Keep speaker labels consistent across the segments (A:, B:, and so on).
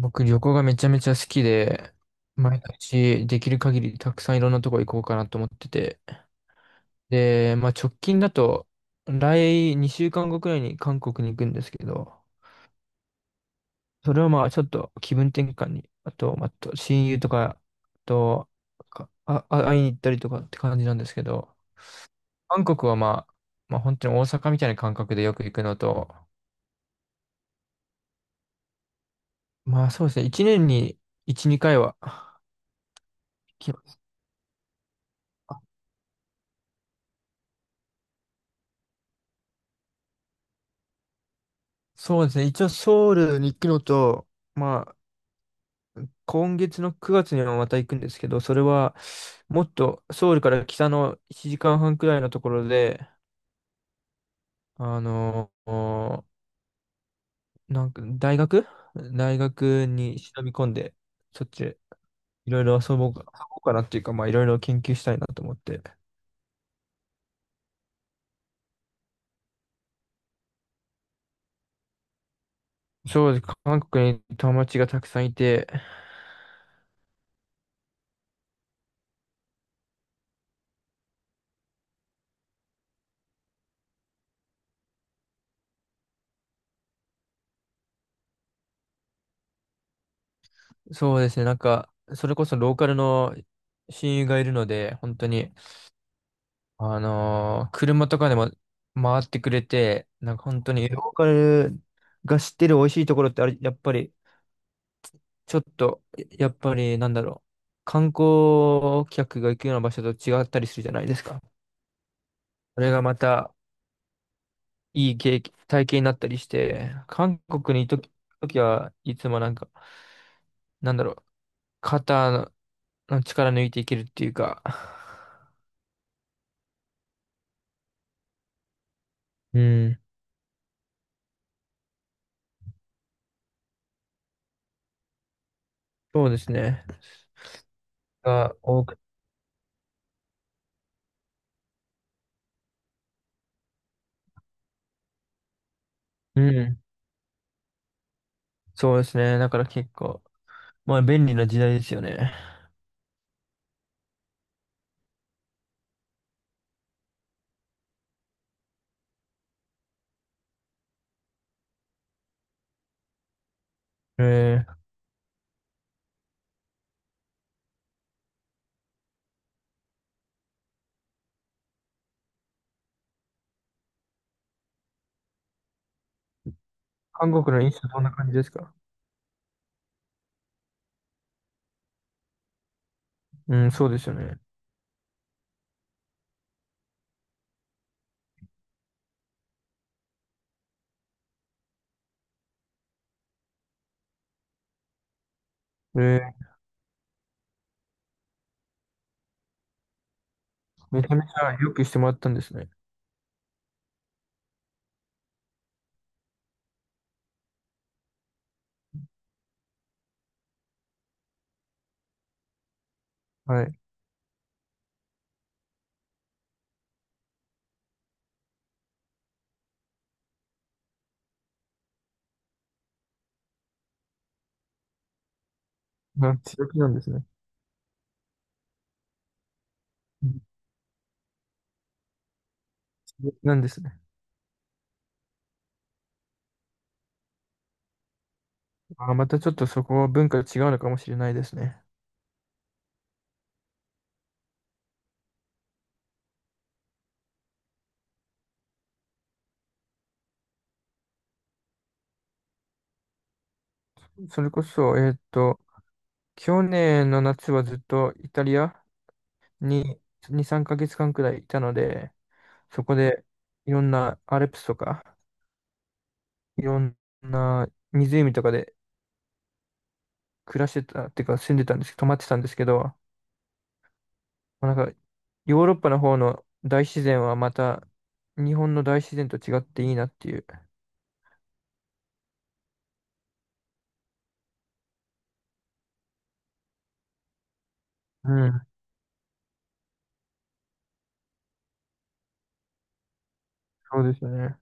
A: 僕、旅行がめちゃめちゃ好きで、毎年できる限りたくさんいろんなとこ行こうかなと思ってて。で、まあ直近だと、来2週間後くらいに韓国に行くんですけど、それはまあちょっと気分転換に、あと、まあ、と親友とか、会いに行ったりとかって感じなんですけど、韓国はまあ、本当に大阪みたいな感覚でよく行くのと、まあそうですね、1年に1、2回は行きます。あそうですね、一応ソウルに行くのと、まあ、今月の9月にもまた行くんですけど、それはもっとソウルから北の1時間半くらいのところで、あのーなんか大学に忍び込んで、そっちでいろいろ遊ぼうかなっていうか、まあいろいろ研究したいなと思って。そうです。韓国に友達がたくさんいて、そうですね、なんか、それこそローカルの親友がいるので、本当に、車とかでも回ってくれて、なんか本当にローカルが知ってる美味しいところってあれ、やっぱり、ちょっと、やっぱりなんだろう、観光客が行くような場所と違ったりするじゃないですか。それがまたいい経験、体験になったりして、韓国に行くとききはいつもなんか、なんだろう、肩の力抜いていけるっていうか、うん、そうですね。が多く、うん、そうですね。だから結構。まあ、便利な時代ですよね。えー、韓国の飲食どんな感じですか？うん、そうですよね。えー、めちゃめちゃよくしてもらったんですね。はい。まあ、強気なんですね。うん、強気なんですね。あー、またちょっとそこは文化が違うのかもしれないですね。それこそ、去年の夏はずっとイタリアに2、3ヶ月間くらいいたので、そこでいろんなアルプスとか、いろんな湖とかで暮らしてた、っていうか住んでたんですけど、泊まってたんですけど、もうなんか、ヨーロッパの方の大自然はまた、日本の大自然と違っていいなっていう。うん、そうですよね。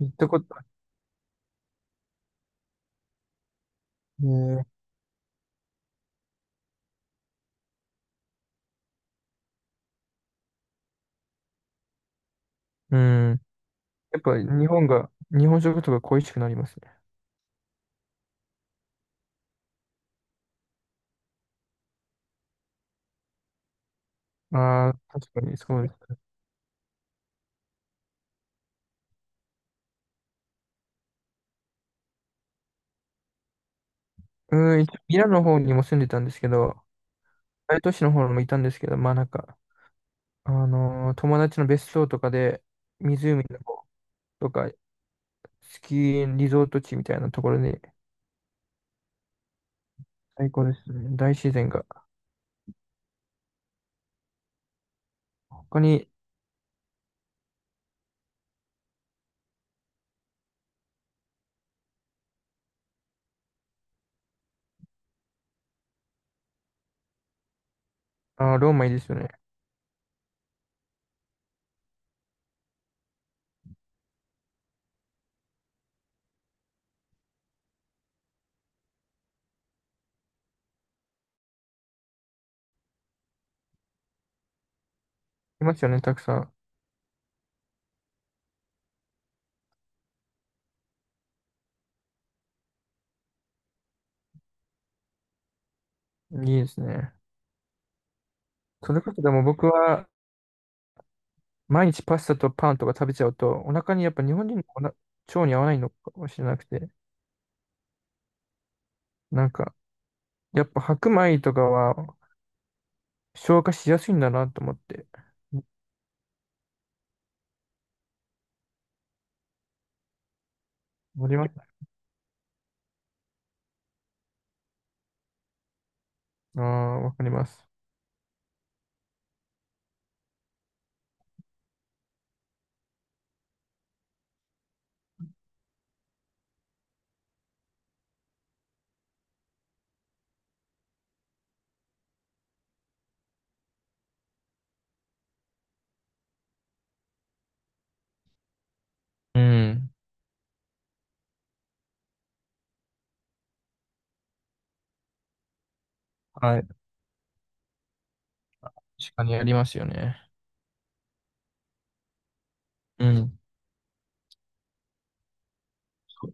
A: 行ったこと、ねえうん。やっぱ日本が、日本食とか恋しくなりますね。ああ、確かにそうです。うん、一応ミラノの方にも住んでたんですけど、大都市の方にもいたんですけど、まあなんか、友達の別荘とかで、湖の方とか、スキーリゾート地みたいなところに最高ですね。大自然が。他に、あー、ローマいいですよね。いますよね、たくさん。いいですね。それこそでも僕は、毎日パスタとパンとか食べちゃうと、お腹にやっぱ日本人のおな腸に合わないのかもしれなくて、なんか、やっぱ白米とかは消化しやすいんだなと思って。わかります。ああ、わかります。うん。はい。確かにありますよね。うん。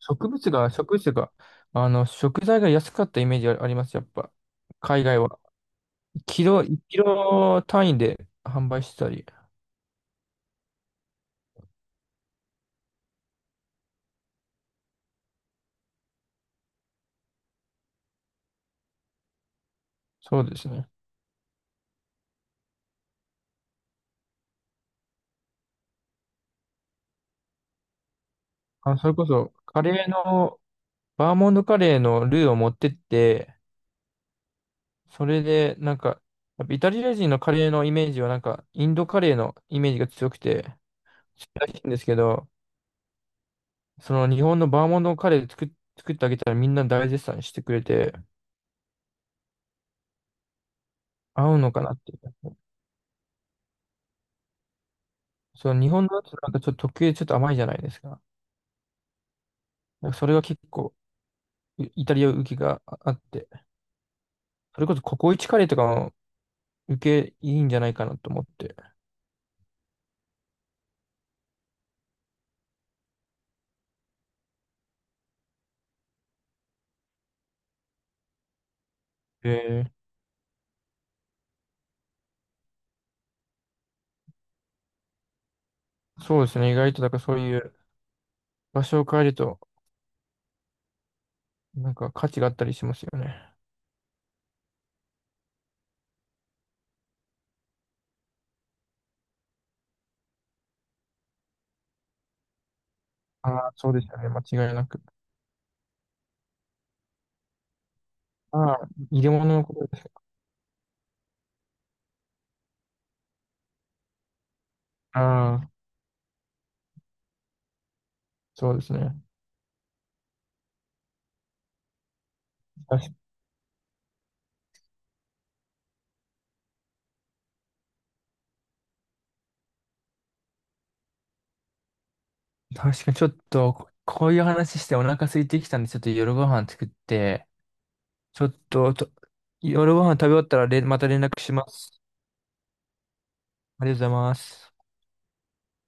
A: そ植物が、植物が、食材が安かったイメージあります、やっぱ。海外は。1キロ単位で販売してたり。そうですね。あ、それこそ、カレーの、バーモンドカレーのルーを持ってって、それで、なんか、やっぱイタリア人のカレーのイメージは、なんか、インドカレーのイメージが強くて、強いらしいんですけど、その日本のバーモンドカレー作ってあげたらみんな大絶賛してくれて、合うのかなっていう。その日本のやつなんかちょっと特有でちょっと甘いじゃないですか。なんかそれが結構、イイタリア受けがああって、それこそココイチカレーとかも受けいいんじゃないかなと思って。えそうですね。意外と、だからそういう場所を変えると、なんか価値があったりしますよね。ああ、そうですよね。間違いなく。ああ、入れ物のことです。ああ、そうですね。確確かにちょっと、こういう話してお腹空いてきたんで、ちょっと夜ご飯作って、ちょっと、夜ご飯食べ終わったられ、また連絡します。ありがとうございます。